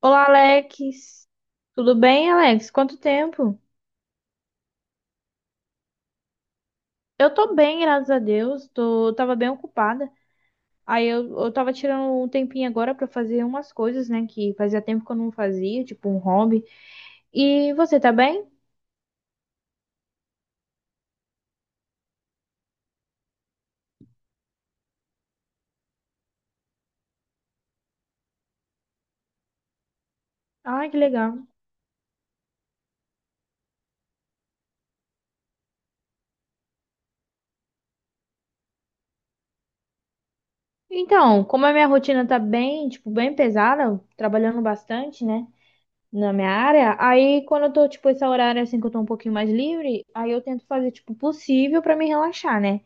Olá, Alex. Tudo bem, Alex? Quanto tempo? Eu tô bem, graças a Deus. Tava bem ocupada. Aí eu tava tirando um tempinho agora pra fazer umas coisas, né, que fazia tempo que eu não fazia, tipo um hobby. E você tá bem? Ai, que legal. Então, como a minha rotina tá bem, tipo, bem pesada, trabalhando bastante, né, na minha área, aí quando eu tô, tipo, esse horário assim que eu tô um pouquinho mais livre, aí eu tento fazer, tipo, o possível pra me relaxar, né?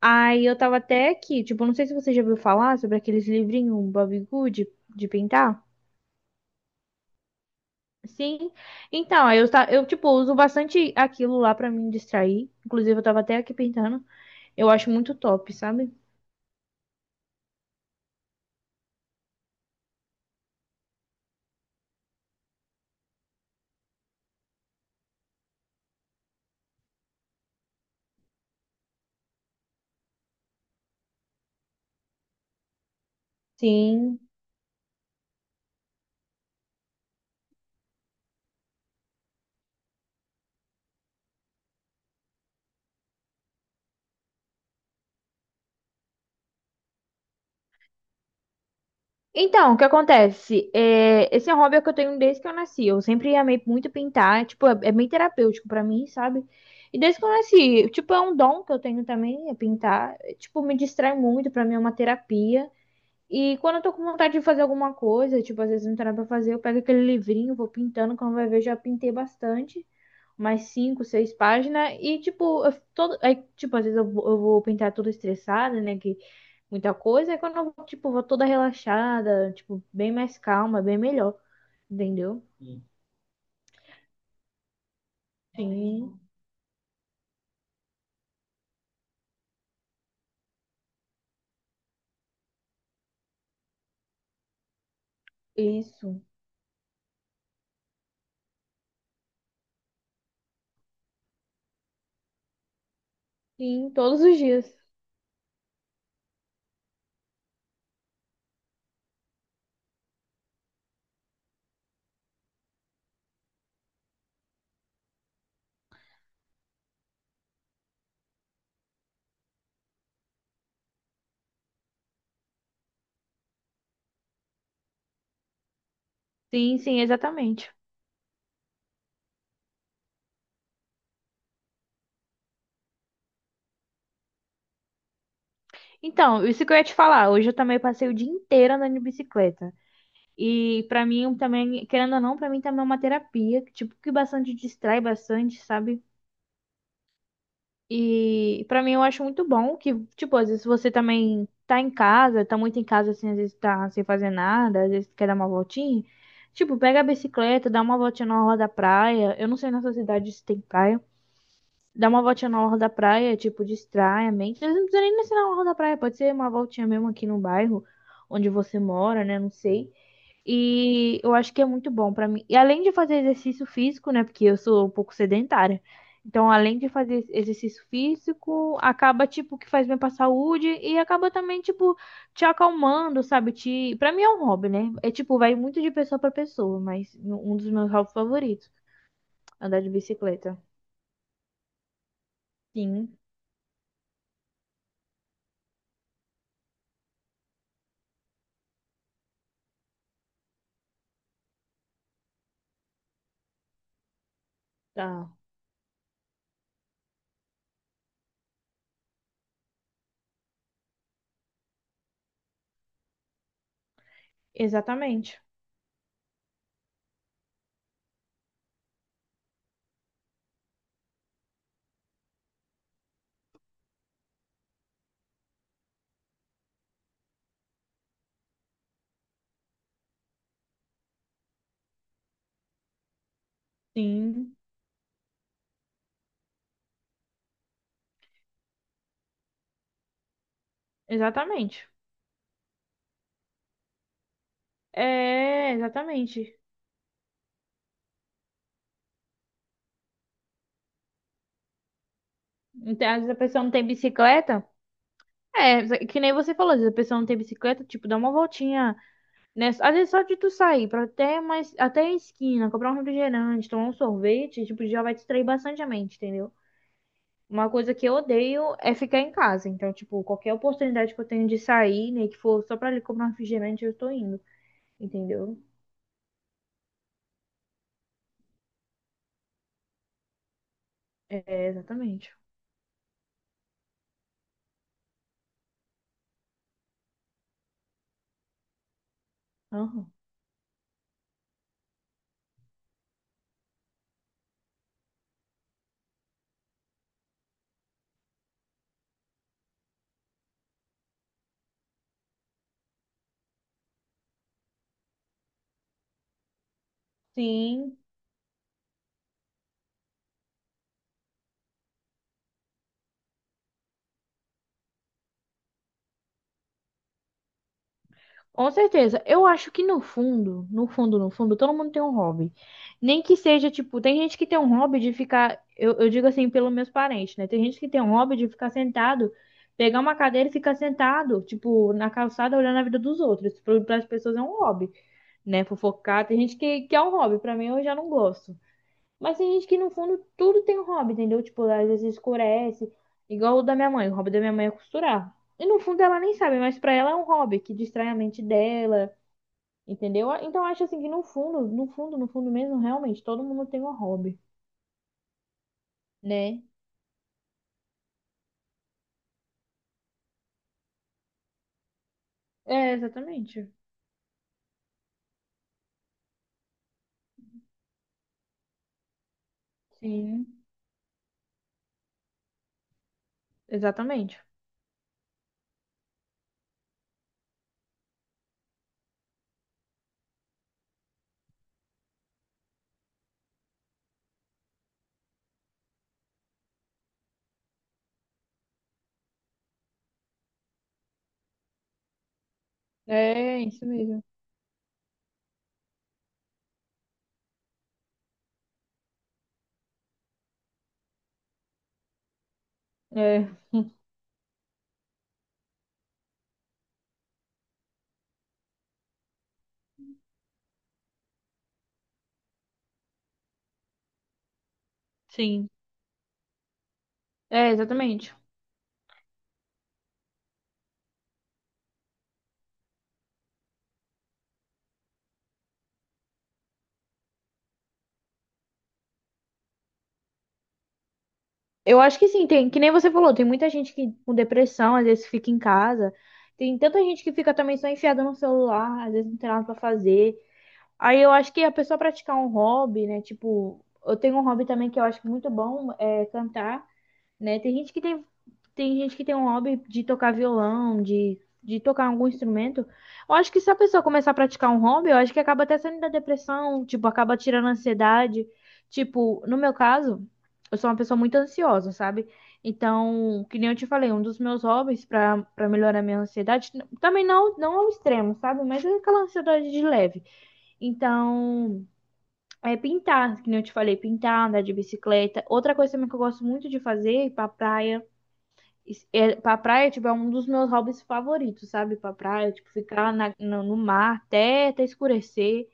Aí eu tava até aqui, tipo, não sei se você já ouviu falar sobre aqueles livrinhos Bobbie Good de pintar. Sim. Então, aí eu, tipo, uso bastante aquilo lá pra me distrair. Inclusive, eu tava até aqui pintando. Eu acho muito top, sabe? Sim. Então, o que acontece? É, esse é um hobby que eu tenho desde que eu nasci. Eu sempre amei muito pintar. Tipo, é bem terapêutico pra mim, sabe? E desde que eu nasci, tipo, é um dom que eu tenho também, é pintar. Tipo, me distrai muito, pra mim é uma terapia. E quando eu tô com vontade de fazer alguma coisa, tipo, às vezes não tem nada pra fazer, eu pego aquele livrinho, vou pintando, quando vai ver, já pintei bastante, mais cinco, seis páginas, e tipo, eu, todo, aí, tipo, às vezes eu vou pintar tudo estressada, né, que muita coisa, aí quando eu, vou, tipo, vou toda relaxada, tipo, bem mais calma, bem melhor, entendeu? Sim, isso. Sim, todos os dias. Sim, sim, exatamente. Então, isso que eu ia te falar, hoje eu também passei o dia inteiro andando de bicicleta. E pra mim também, querendo ou não, pra mim também é uma terapia, que, tipo, que bastante distrai bastante, sabe? E pra mim eu acho muito bom que, tipo, às vezes você também tá em casa, tá muito em casa assim, às vezes tá sem fazer nada, às vezes quer dar uma voltinha. Tipo, pega a bicicleta, dá uma voltinha na orla da praia. Eu não sei na sua cidade se tem praia. Dá uma voltinha na orla da praia, tipo, distrai a mente. Às vezes não precisa nem ser na orla da praia, pode ser uma voltinha mesmo aqui no bairro onde você mora, né? Não sei. E eu acho que é muito bom pra mim. E além de fazer exercício físico, né? Porque eu sou um pouco sedentária. Então, além de fazer exercício físico, acaba, tipo, que faz bem pra saúde e acaba também, tipo, te acalmando, sabe? Te... Pra mim é um hobby, né? É tipo, vai muito de pessoa pra pessoa, mas um dos meus hobbies favoritos, andar de bicicleta. Sim, tá. Exatamente. Sim, exatamente. É, exatamente. Então, às vezes a pessoa não tem bicicleta. É, que nem você falou, se a pessoa não tem bicicleta, tipo, dá uma voltinha, né? Às vezes só de tu sair pra até mais, até a esquina, comprar um refrigerante, tomar um sorvete, tipo, já vai distrair bastante a mente, entendeu? Uma coisa que eu odeio é ficar em casa. Então, tipo, qualquer oportunidade que eu tenho de sair, né, que for só pra ali comprar um refrigerante, eu tô indo, entendeu? É, exatamente. Aham. Sim, com certeza. Eu acho que no fundo, no fundo, no fundo, todo mundo tem um hobby. Nem que seja, tipo, tem gente que tem um hobby de ficar, eu digo assim, pelos meus parentes, né? Tem gente que tem um hobby de ficar sentado, pegar uma cadeira e ficar sentado, tipo, na calçada olhando a vida dos outros. Para as pessoas é um hobby, né? Fofocar. Tem gente que é um hobby. Para mim, eu já não gosto. Mas tem gente que, no fundo, tudo tem um hobby, entendeu? Tipo, às vezes escurece, igual o da minha mãe. O hobby da minha mãe é costurar. E no fundo ela nem sabe, mas pra ela é um hobby que distrai a mente dela, entendeu? Ah, então, eu acho assim que no fundo, no fundo, no fundo mesmo, realmente, todo mundo tem um hobby, né? É, exatamente. Sim. Exatamente. É, isso mesmo. É, sim. É, exatamente. Eu acho que sim, tem, que nem você falou, tem muita gente que com depressão, às vezes fica em casa. Tem tanta gente que fica também só enfiada no celular, às vezes não tem nada pra fazer. Aí eu acho que a pessoa praticar um hobby, né? Tipo, eu tenho um hobby também que eu acho muito bom, é cantar. Né? Tem gente que tem, tem gente que tem um hobby de tocar violão, de tocar algum instrumento. Eu acho que se a pessoa começar a praticar um hobby, eu acho que acaba até saindo da depressão, tipo, acaba tirando a ansiedade. Tipo, no meu caso, eu sou uma pessoa muito ansiosa, sabe? Então, que nem eu te falei, um dos meus hobbies para melhorar a minha ansiedade, também não ao extremo, sabe? Mas é aquela ansiedade de leve. Então, é pintar, que nem eu te falei, pintar, andar de bicicleta. Outra coisa também que eu gosto muito de fazer é ir pra praia. Isso- É, pra praia, tipo, é um dos meus hobbies favoritos, sabe? Pra praia, tipo, ficar na, no, no mar até, até escurecer,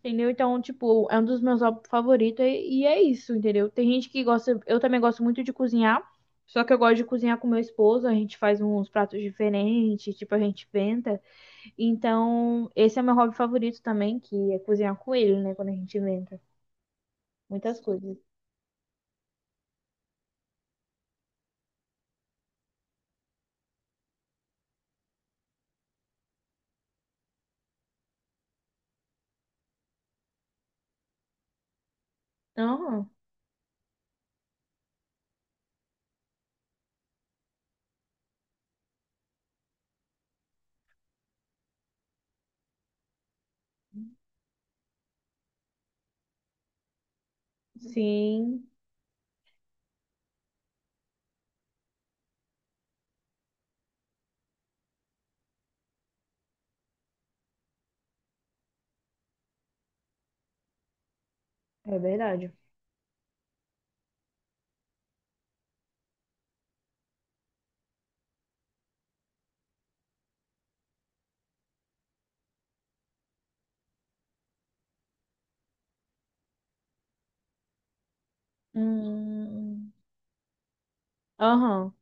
entendeu? Então, tipo, é um dos meus hobbies favoritos e é isso, entendeu? Tem gente que gosta, eu também gosto muito de cozinhar, só que eu gosto de cozinhar com meu esposo, a gente faz uns pratos diferentes, tipo, a gente inventa. Então, esse é meu hobby favorito também, que é cozinhar com ele, né? Quando a gente inventa muitas coisas. Ah, sim, é verdade. Hum, Aham.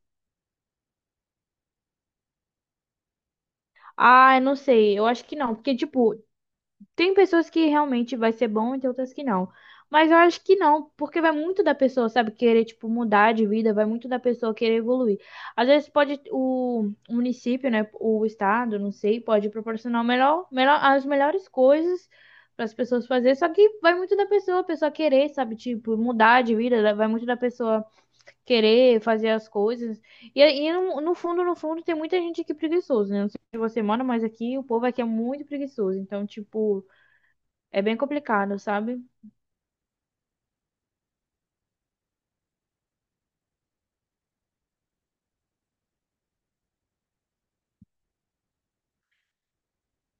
Ah, eu não sei. Eu acho que não, porque tipo, tem pessoas que realmente vai ser bom e tem outras que não. Mas eu acho que não, porque vai muito da pessoa, sabe, querer tipo mudar de vida, vai muito da pessoa querer evoluir. Às vezes pode o município, né, o estado, não sei, pode proporcionar o melhor, melhor as melhores coisas para as pessoas fazer, só que vai muito da pessoa, a pessoa querer, sabe, tipo, mudar de vida, vai muito da pessoa querer fazer as coisas. E no, no fundo, no fundo, tem muita gente aqui preguiçoso, né? Não sei se você mora, mas aqui o povo aqui é muito preguiçoso. Então, tipo, é bem complicado, sabe?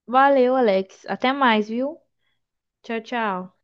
Valeu, Alex. Até mais, viu? Tchau, tchau.